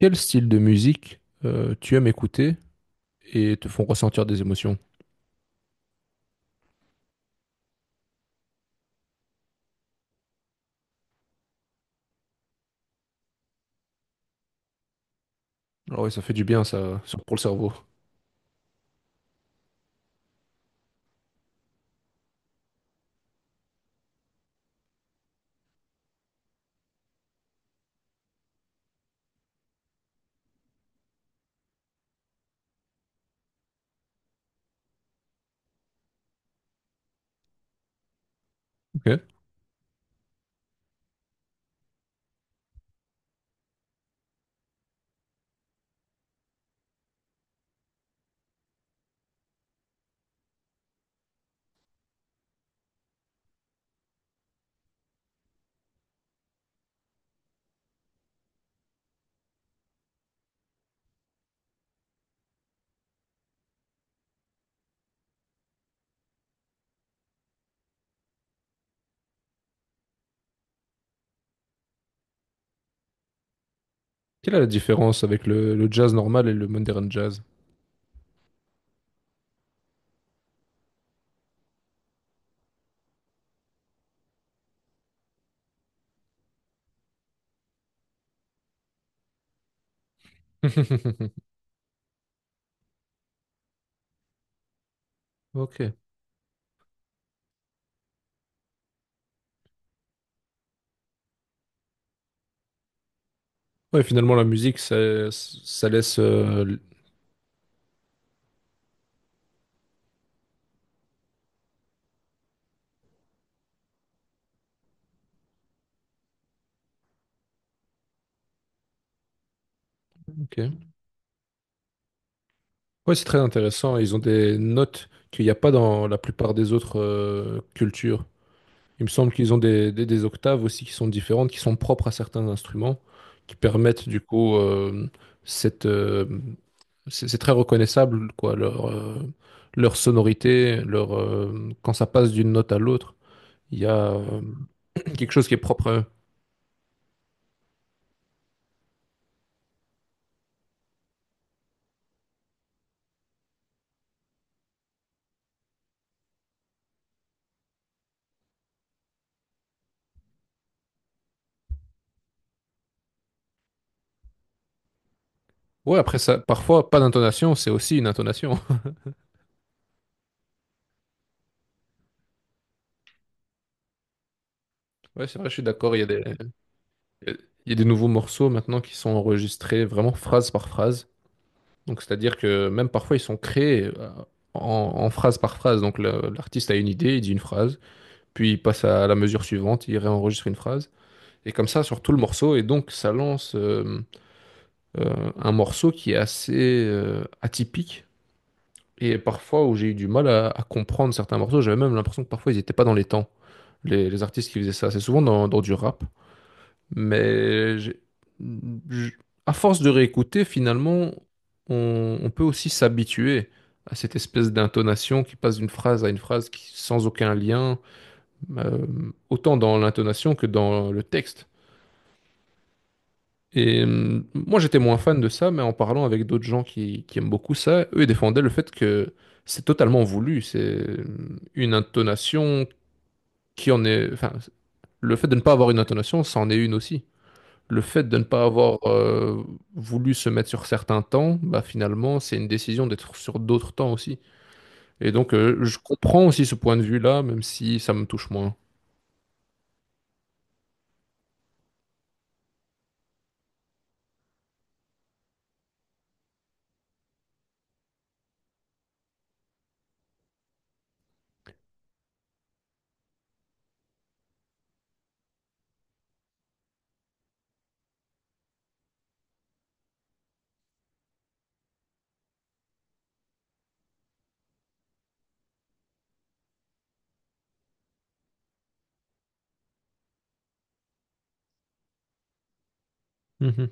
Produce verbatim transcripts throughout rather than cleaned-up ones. Quel style de musique euh, tu aimes écouter et te font ressentir des émotions? Alors oui, ça fait du bien ça, sur- pour le cerveau. Ok. Quelle est la différence avec le, le jazz normal et le modern jazz? Ok. Ouais, finalement la musique, ça, ça laisse. euh, l- ok. Ouais, c'est très intéressant. Ils ont des notes qu'il n'y a pas dans la plupart des autres euh, cultures. Il me semble qu'ils ont des, des- des octaves aussi qui sont différentes, qui sont propres à certains instruments, qui permettent du coup euh, cette euh, c'est c'est très reconnaissable quoi leur euh, leur sonorité, leur euh, quand ça passe d'une note à l'autre, il y a euh, quelque chose qui est propre à eux. Ouais, après ça, parfois pas d'intonation, c'est aussi une intonation. Ouais, c'est vrai, je suis d'accord. Il y a des il y a des nouveaux morceaux maintenant qui sont enregistrés vraiment phrase par phrase. Donc, c'est-à-dire que même parfois, ils sont créés euh, en, en phrase par phrase. Donc, le- l'artiste a une idée, il dit une phrase, puis il passe à la mesure suivante, il réenregistre une phrase, et comme ça sur tout le morceau. Et donc, ça lance euh, euh, un morceau qui est assez euh, atypique. Et parfois, où j'ai eu du mal à, à comprendre certains morceaux, j'avais même l'impression que parfois, ils n'étaient pas dans les temps, les, les artistes qui faisaient ça. C'est souvent dans, dans du rap. Mais j'ai- je- à force de réécouter, finalement, on, on peut aussi s'habituer à cette espèce d'intonation qui passe d'une phrase à une phrase qui, sans aucun lien, euh, autant dans l'intonation que dans le texte. Et euh, moi, j'étais moins fan de ça, mais en parlant avec d'autres gens qui, qui aiment beaucoup ça, eux ils défendaient le fait que c'est totalement voulu. C'est hum, une intonation qui en est... Enfin, le fait de ne pas avoir une intonation, c'en est une aussi. Le fait de ne pas avoir euh, voulu se mettre sur certains temps, bah, finalement, c'est une décision d'être sur d'autres temps aussi. Et donc, euh, je comprends aussi ce point de vue-là, même si ça me touche moins. Mhm.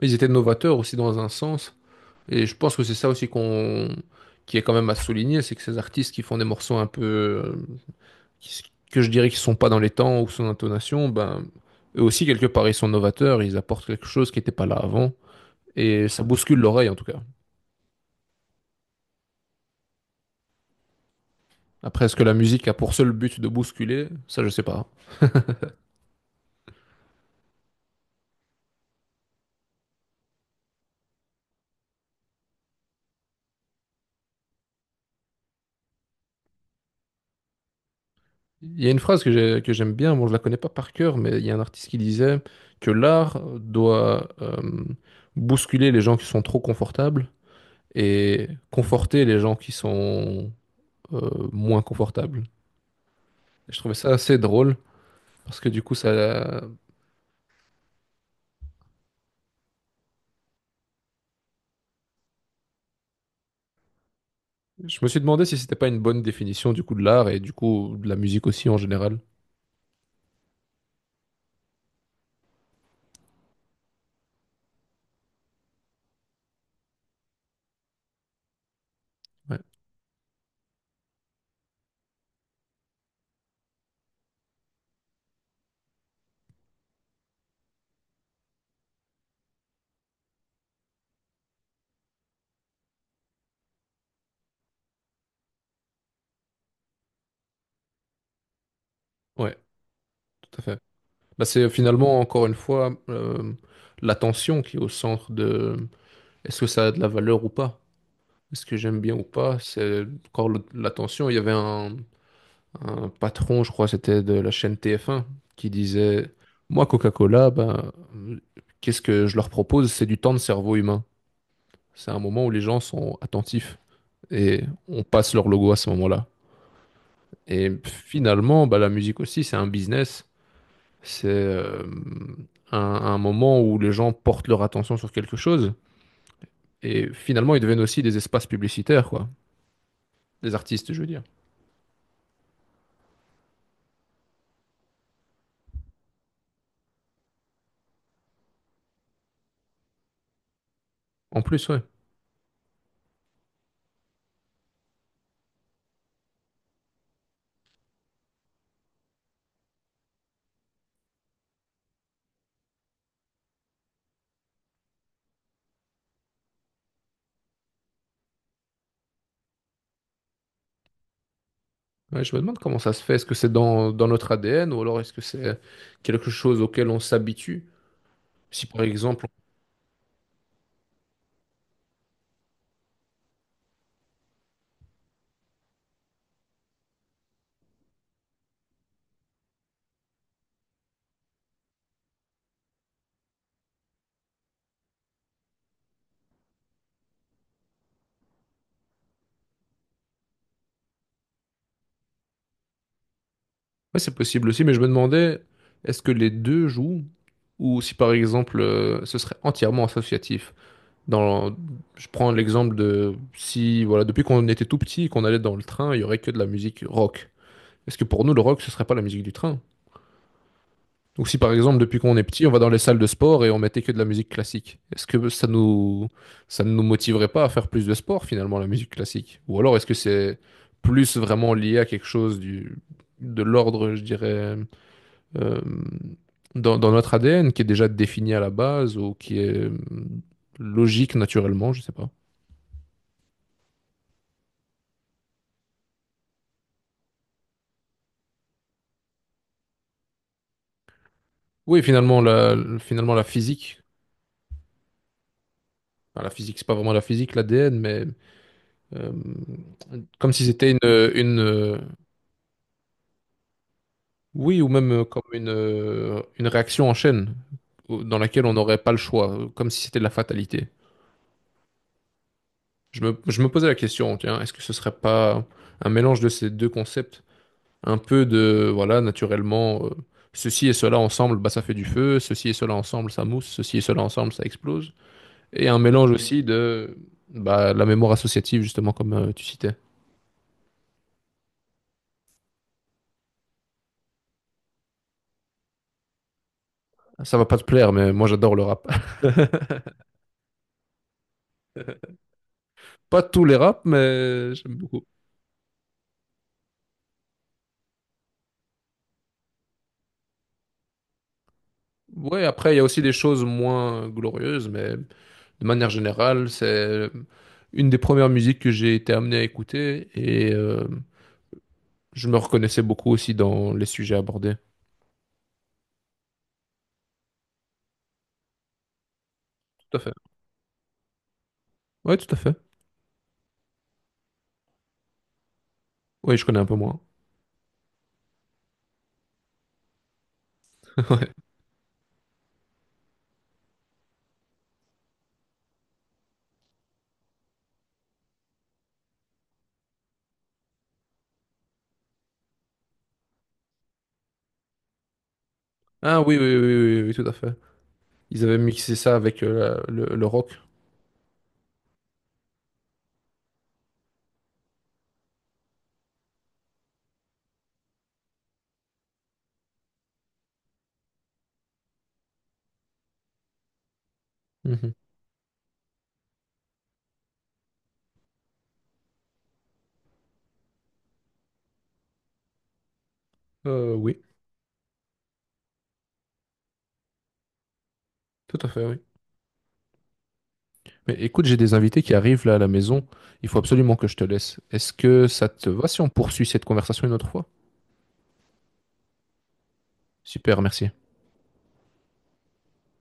Ils étaient novateurs aussi dans un sens. Et je pense que c'est ça aussi qu'on... qui est quand même à souligner, c'est que ces artistes qui font des morceaux un peu... euh, qui- que je dirais qui sont pas dans les temps ou son intonation, ben, eux aussi, quelque part, ils sont novateurs, ils apportent quelque chose qui n'était pas là avant. Et ça bouscule l'oreille, en tout cas. Après, est-ce que la musique a pour seul but de bousculer? Ça, je sais pas. Il y a une phrase que j'ai- que j'aime bien, bon, je la connais pas par cœur, mais il y a un artiste qui disait que l'art doit euh, bousculer les gens qui sont trop confortables et conforter les gens qui sont euh, moins confortables. Et je trouvais ça assez drôle parce que du coup, ça, je me suis demandé si c'était pas une bonne définition du coup de l'art et du coup de la musique aussi en général. Ouais, ouais, tout à fait. Bah, c'est finalement encore une fois euh, l'attention qui est au centre de Est-ce que ça a de la valeur ou pas? Est-ce que j'aime bien ou pas? C'est encore le- l'attention. Il y avait un, un patron, je crois, c'était de la chaîne T F un, qui disait, moi, Coca-Cola, ben, euh, qu'est-ce que je leur propose? C'est du temps de cerveau humain. C'est un moment où les gens sont attentifs et on passe leur logo à ce moment-là. Et finalement, bah, la musique aussi, c'est un business. C'est euh, un, un moment où les gens portent leur attention sur quelque chose. Et finalement, ils deviennent aussi des espaces publicitaires, quoi. Des artistes, je veux dire. En plus, ouais. Ouais, je me demande comment ça se fait. Est-ce que c'est dans, dans notre A D N ou alors est-ce que c'est quelque chose auquel on s'habitue? Si par exemple, ouais, c'est possible aussi, mais je me demandais, est-ce que les deux jouent ou si par exemple, euh, ce serait entièrement associatif? Dans, je prends l'exemple de si, voilà, depuis qu'on était tout petit et qu'on allait dans le train, il y aurait que de la musique rock. Est-ce que pour nous, le rock, ce serait pas la musique du train? Ou si par exemple, depuis qu'on est petit, on va dans les salles de sport et on mettait que de la musique classique, est-ce que ça nous, ça ne nous motiverait pas à faire plus de sport finalement, la musique classique? Ou alors est-ce que c'est plus vraiment lié à quelque chose du, de l'ordre, je dirais, euh, dans, dans notre A D N qui est déjà défini à la base ou qui est euh, logique naturellement, je sais pas. Oui, finalement, la, finalement, la physique. Enfin, la physique, c'est pas vraiment la physique, l'A D N, mais euh, comme si c'était une, une, Oui, ou même euh, comme une, euh, une réaction en chaîne au- dans laquelle on n'aurait pas le choix, euh, comme si c'était de la fatalité. Je me, je me posais la question, tiens, est-ce que ce serait pas un mélange de ces deux concepts? Un peu de, voilà, naturellement, euh, ceci et cela ensemble, bah, ça fait du feu, ceci et cela ensemble, ça mousse, ceci et cela ensemble, ça explose. Et un mélange aussi de bah, la mémoire associative, justement, comme euh, tu citais. Ça va pas te plaire, mais moi j'adore le rap. Pas tous les raps, mais j'aime beaucoup. Ouais, après, il y a aussi des choses moins glorieuses, mais de manière générale, c'est une des premières musiques que j'ai été amené à écouter et euh, je me reconnaissais beaucoup aussi dans les sujets abordés. Tout à fait. Ouais, tout à fait. Oui, je connais un peu moins. Ouais. Ah oui, oui, oui, oui, oui, oui, tout à fait. Ils avaient mixé ça avec euh, la- le, le rock. Mhm. Euh, oui, tout à fait, oui. Mais écoute, j'ai des invités qui arrivent là à la maison. Il faut absolument que je te laisse. Est-ce que ça te va si on poursuit cette conversation une autre fois? Super, merci.